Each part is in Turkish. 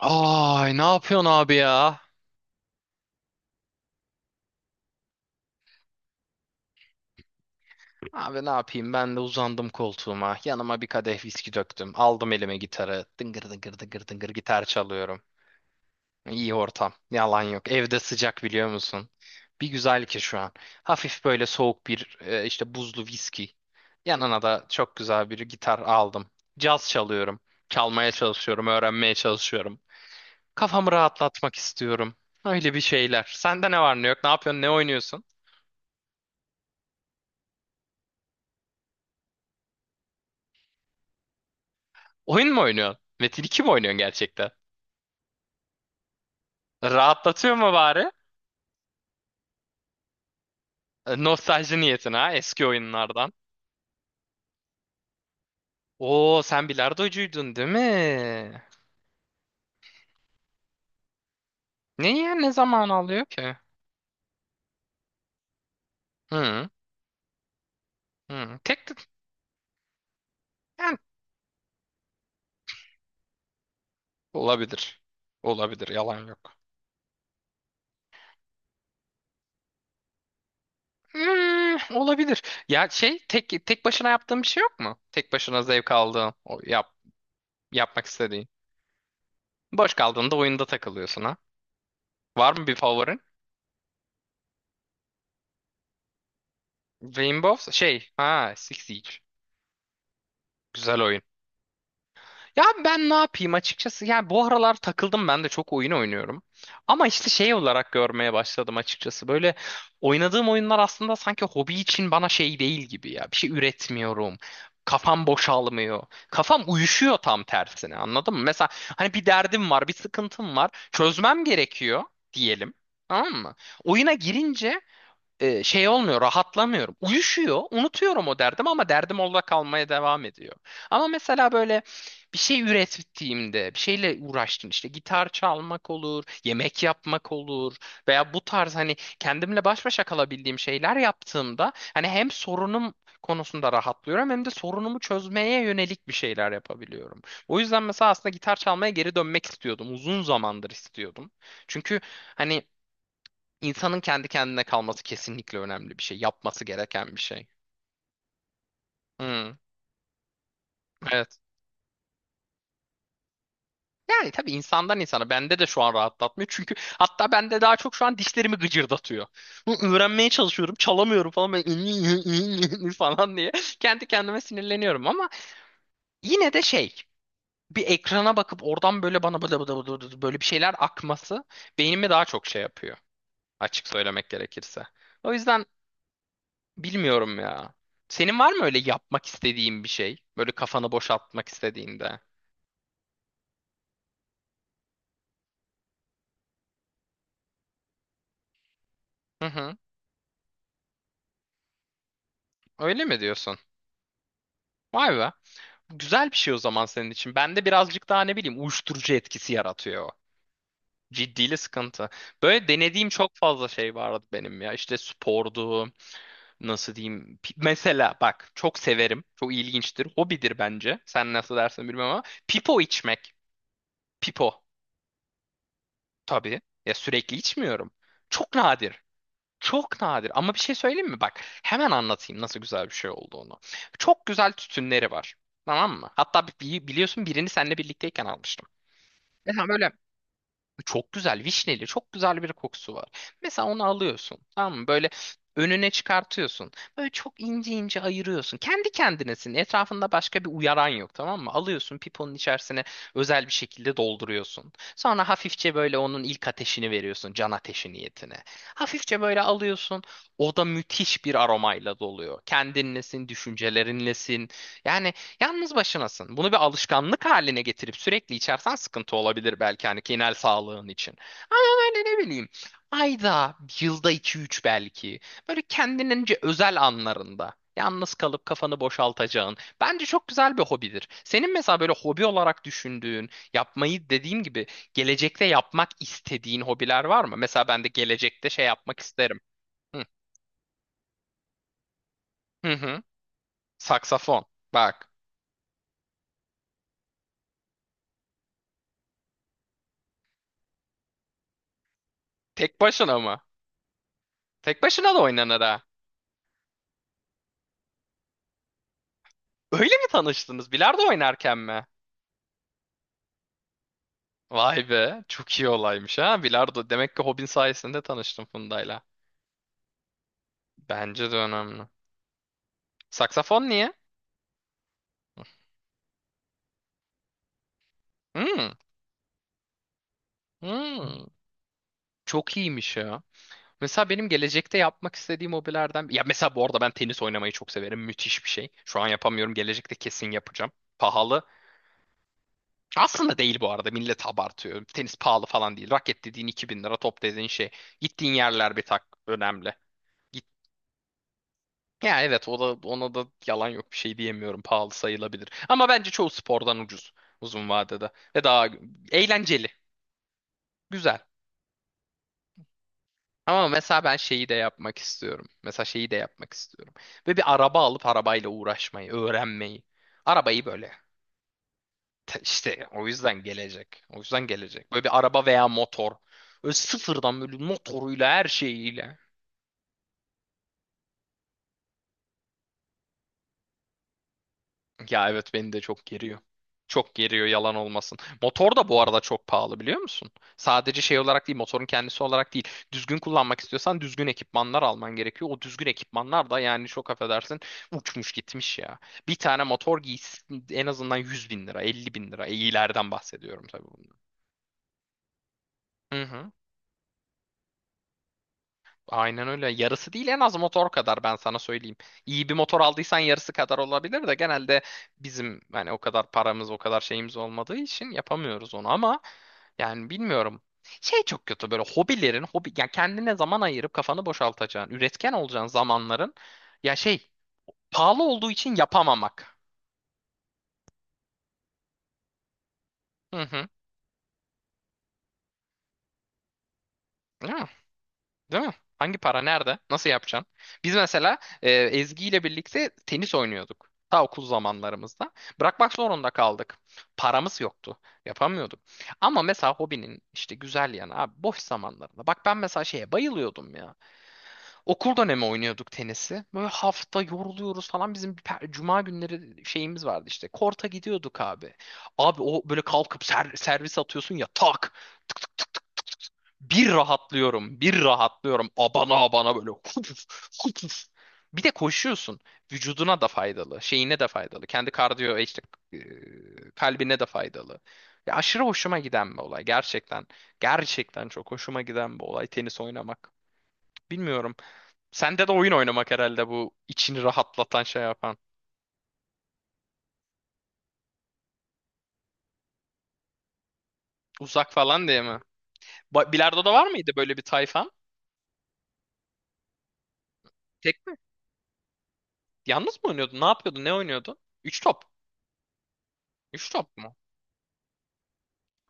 Ay ne yapıyorsun abi ya? Abi ne yapayım ben de uzandım koltuğuma. Yanıma bir kadeh viski döktüm. Aldım elime gitarı. Dıngır dıngır dıngır dıngır gitar çalıyorum. İyi ortam. Yalan yok. Evde sıcak biliyor musun? Bir güzel ki şu an. Hafif böyle soğuk bir işte buzlu viski. Yanına da çok güzel bir gitar aldım. Caz çalıyorum. Çalmaya çalışıyorum. Öğrenmeye çalışıyorum. Kafamı rahatlatmak istiyorum. Öyle bir şeyler. Sende ne var ne yok? Ne yapıyorsun? Ne oynuyorsun? Oyun mu oynuyorsun? Metin 2 mi oynuyorsun gerçekten? Rahatlatıyor mu bari? E, nostalji niyetine ha, eski oyunlardan. Oo, sen bilardocuydun değil mi? Ne ya, ne zaman alıyor ki? Hı, hı. Tek yani, olabilir. Olabilir, yalan yok. Hmm, olabilir. Ya şey, tek başına yaptığın bir şey yok mu? Tek başına zevk aldığın, o yapmak istediğin. Boş kaldığında oyunda takılıyorsun ha. Var mı bir favorin? Rainbow şey ha, Six Siege. Güzel oyun. Ya ben ne yapayım açıkçası, yani bu aralar takıldım ben de, çok oyun oynuyorum. Ama işte şey olarak görmeye başladım açıkçası. Böyle oynadığım oyunlar aslında sanki hobi için bana şey değil gibi ya. Bir şey üretmiyorum. Kafam boşalmıyor. Kafam uyuşuyor, tam tersine, anladın mı? Mesela hani bir derdim var, bir sıkıntım var. Çözmem gerekiyor diyelim. Tamam mı? Oyuna girince şey olmuyor, rahatlamıyorum. Uyuşuyor, unutuyorum o derdim ama derdim orada kalmaya devam ediyor. Ama mesela böyle bir şey ürettiğimde, bir şeyle uğraştım, işte gitar çalmak olur, yemek yapmak olur veya bu tarz, hani kendimle baş başa kalabildiğim şeyler yaptığımda, hani hem sorunum konusunda rahatlıyorum hem de sorunumu çözmeye yönelik bir şeyler yapabiliyorum. O yüzden mesela aslında gitar çalmaya geri dönmek istiyordum. Uzun zamandır istiyordum. Çünkü hani İnsanın kendi kendine kalması kesinlikle önemli bir şey. Yapması gereken bir şey. Hmm, evet. Yani tabii, insandan insana. Bende de şu an rahatlatmıyor. Çünkü hatta bende daha çok şu an dişlerimi gıcırdatıyor. Bunu öğrenmeye çalışıyorum. Çalamıyorum falan. Böyle falan diye. Kendi kendime sinirleniyorum ama yine de şey. Bir ekrana bakıp oradan böyle bana böyle bir şeyler akması beynimi daha çok şey yapıyor. Açık söylemek gerekirse. O yüzden bilmiyorum ya. Senin var mı öyle yapmak istediğin bir şey? Böyle kafanı boşaltmak istediğinde. Hı hı. Öyle mi diyorsun? Vay be. Güzel bir şey o zaman senin için. Bende birazcık daha ne bileyim, uyuşturucu etkisi yaratıyor o. Ciddiyle sıkıntı. Böyle denediğim çok fazla şey vardı benim ya. İşte spordu, nasıl diyeyim. Mesela bak, çok severim. Çok ilginçtir. Hobidir bence. Sen nasıl dersin bilmem ama. Pipo içmek. Pipo. Tabii. Ya sürekli içmiyorum. Çok nadir. Çok nadir ama bir şey söyleyeyim mi? Bak, hemen anlatayım nasıl güzel bir şey olduğunu. Çok güzel tütünleri var. Tamam mı? Hatta biliyorsun, birini seninle birlikteyken almıştım. Mesela böyle çok güzel vişneli, çok güzel bir kokusu var. Mesela onu alıyorsun, tamam mı? Böyle önüne çıkartıyorsun. Böyle çok ince ince ayırıyorsun. Kendi kendinesin. Etrafında başka bir uyaran yok, tamam mı? Alıyorsun piponun içerisine, özel bir şekilde dolduruyorsun. Sonra hafifçe böyle onun ilk ateşini veriyorsun, can ateşi niyetine. Hafifçe böyle alıyorsun. O da müthiş bir aromayla doluyor. Kendinlesin, düşüncelerinlesin. Yani yalnız başınasın. Bunu bir alışkanlık haline getirip sürekli içersen sıkıntı olabilir belki, hani genel sağlığın için. Ama böyle ne bileyim, ayda, yılda iki üç belki. Böyle kendinince özel anlarında. Yalnız kalıp kafanı boşaltacağın. Bence çok güzel bir hobidir. Senin mesela böyle hobi olarak düşündüğün, yapmayı, dediğim gibi, gelecekte yapmak istediğin hobiler var mı? Mesela ben de gelecekte şey yapmak isterim. Hı hı. Hı. Saksafon. Bak. Tek başına mı? Tek başına da oynanır. Öyle mi tanıştınız? Bilardo oynarken mi? Vay be, çok iyi olaymış ha. Bilardo. Demek ki hobin sayesinde tanıştım Funda'yla. Bence de önemli. Saksafon niye? Hmm, hmm. Çok iyiymiş ya. Mesela benim gelecekte yapmak istediğim hobilerden... Ya mesela bu arada, ben tenis oynamayı çok severim. Müthiş bir şey. Şu an yapamıyorum. Gelecekte kesin yapacağım. Pahalı. Aslında değil, bu arada. Millet abartıyor. Tenis pahalı falan değil. Raket dediğin 2000 lira, top dediğin şey. Gittiğin yerler bir tak önemli. Ya evet o da, ona da yalan yok, bir şey diyemiyorum, pahalı sayılabilir. Ama bence çoğu spordan ucuz, uzun vadede, ve daha eğlenceli, güzel. Ama mesela ben şeyi de yapmak istiyorum. Mesela şeyi de yapmak istiyorum. Ve bir araba alıp arabayla uğraşmayı, öğrenmeyi. Arabayı böyle işte, o yüzden gelecek. O yüzden gelecek. Böyle bir araba veya motor. Böyle sıfırdan, böyle motoruyla, her şeyiyle. Ya evet, beni de çok geriyor. Çok geriyor, yalan olmasın. Motor da bu arada çok pahalı, biliyor musun? Sadece şey olarak değil, motorun kendisi olarak değil. Düzgün kullanmak istiyorsan düzgün ekipmanlar alman gerekiyor. O düzgün ekipmanlar da yani, çok affedersin, uçmuş gitmiş ya. Bir tane motor giysi en azından 100 bin lira, 50 bin lira. E, iyilerden bahsediyorum tabii bunu. Hı hı. Aynen öyle. Yarısı değil, en az motor kadar, ben sana söyleyeyim. İyi bir motor aldıysan yarısı kadar olabilir de genelde bizim hani o kadar paramız, o kadar şeyimiz olmadığı için yapamıyoruz onu, ama yani bilmiyorum. Şey çok kötü, böyle hobilerin, hobi yani, kendine zaman ayırıp kafanı boşaltacağın, üretken olacağın zamanların ya şey, pahalı olduğu için yapamamak. Hı hı. Değil mi? Hangi para nerede? Nasıl yapacaksın? Biz mesela Ezgi ile birlikte tenis oynuyorduk. Ta okul zamanlarımızda. Bırakmak zorunda kaldık. Paramız yoktu. Yapamıyorduk. Ama mesela hobinin işte güzel yanı abi, boş zamanlarında. Bak ben mesela şeye bayılıyordum ya. Okul dönemi oynuyorduk tenisi. Böyle hafta yoruluyoruz falan. Bizim bir cuma günleri şeyimiz vardı işte. Korta gidiyorduk abi. Abi o böyle kalkıp servis atıyorsun ya, tak. Tık tık tık tık tık tık. Bir rahatlıyorum. Bir rahatlıyorum. Abana abana böyle. Hupuf, hupuf. Bir de koşuyorsun. Vücuduna da faydalı. Şeyine de faydalı. Kendi kardiyo işte, e, kalbine de faydalı. Ya aşırı hoşuma giden bir olay. Gerçekten. Gerçekten çok hoşuma giden bir olay, tenis oynamak. Bilmiyorum. Sende de oyun oynamak herhalde bu, içini rahatlatan, şey yapan. Uzak falan diye mi? Bilardo'da var mıydı böyle bir tayfan? Tek mi? Yalnız mı oynuyordun? Ne yapıyordun? Ne oynuyordun? Üç top. Üç top mu?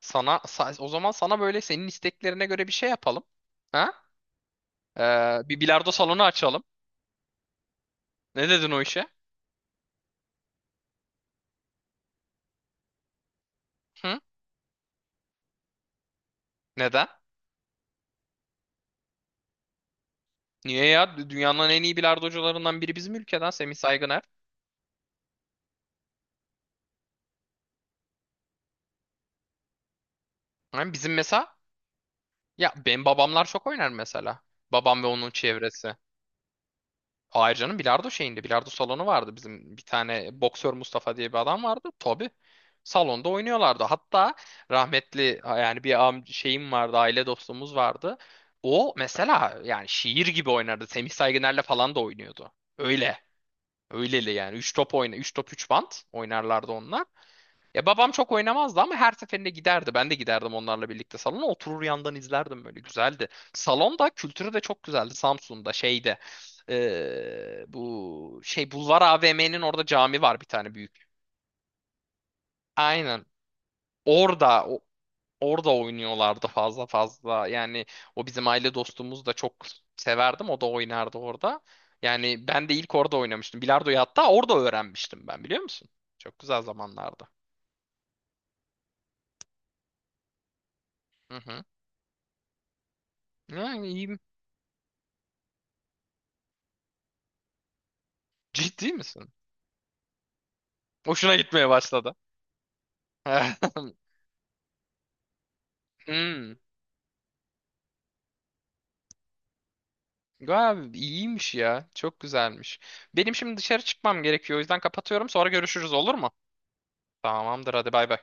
Sana o zaman sana, böyle senin isteklerine göre bir şey yapalım. Ha? Bir bilardo salonu açalım. Ne dedin o işe? Hı? Neden? Niye ya? Dünyanın en iyi bilardocularından biri bizim ülkeden, Semih Saygıner. Ha, bizim mesela, ya benim babamlar çok oynar mesela. Babam ve onun çevresi. Hayır canım, bilardo şeyinde, bilardo salonu vardı bizim, bir tane boksör Mustafa diye bir adam vardı tabii, salonda oynuyorlardı hatta rahmetli. Yani bir şeyim vardı, aile dostumuz vardı. O mesela yani şiir gibi oynardı, Semih Saygıner'le falan da oynuyordu. öyle Öyleli yani, 3 top, 3 bant oynarlardı onlar. Ya babam çok oynamazdı ama her seferinde giderdi. Ben de giderdim onlarla birlikte salona. Oturur yandan izlerdim böyle. Güzeldi. Salon da, kültürü de çok güzeldi. Samsun'da şeyde, bu şey Bulvar AVM'nin orada cami var bir tane büyük. Aynen. Orada orada oynuyorlardı fazla fazla. Yani o, bizim aile dostumuz, da çok severdim. O da oynardı orada. Yani ben de ilk orada oynamıştım. Bilardoyu hatta orada öğrenmiştim ben, biliyor musun? Çok güzel zamanlardı. Hı hı. Ya, iyiyim. Ciddi misin? Hoşuna gitmeye başladı. Hmm. Abi iyiymiş ya. Çok güzelmiş. Benim şimdi dışarı çıkmam gerekiyor. O yüzden kapatıyorum. Sonra görüşürüz, olur mu? Tamamdır, hadi bay bay.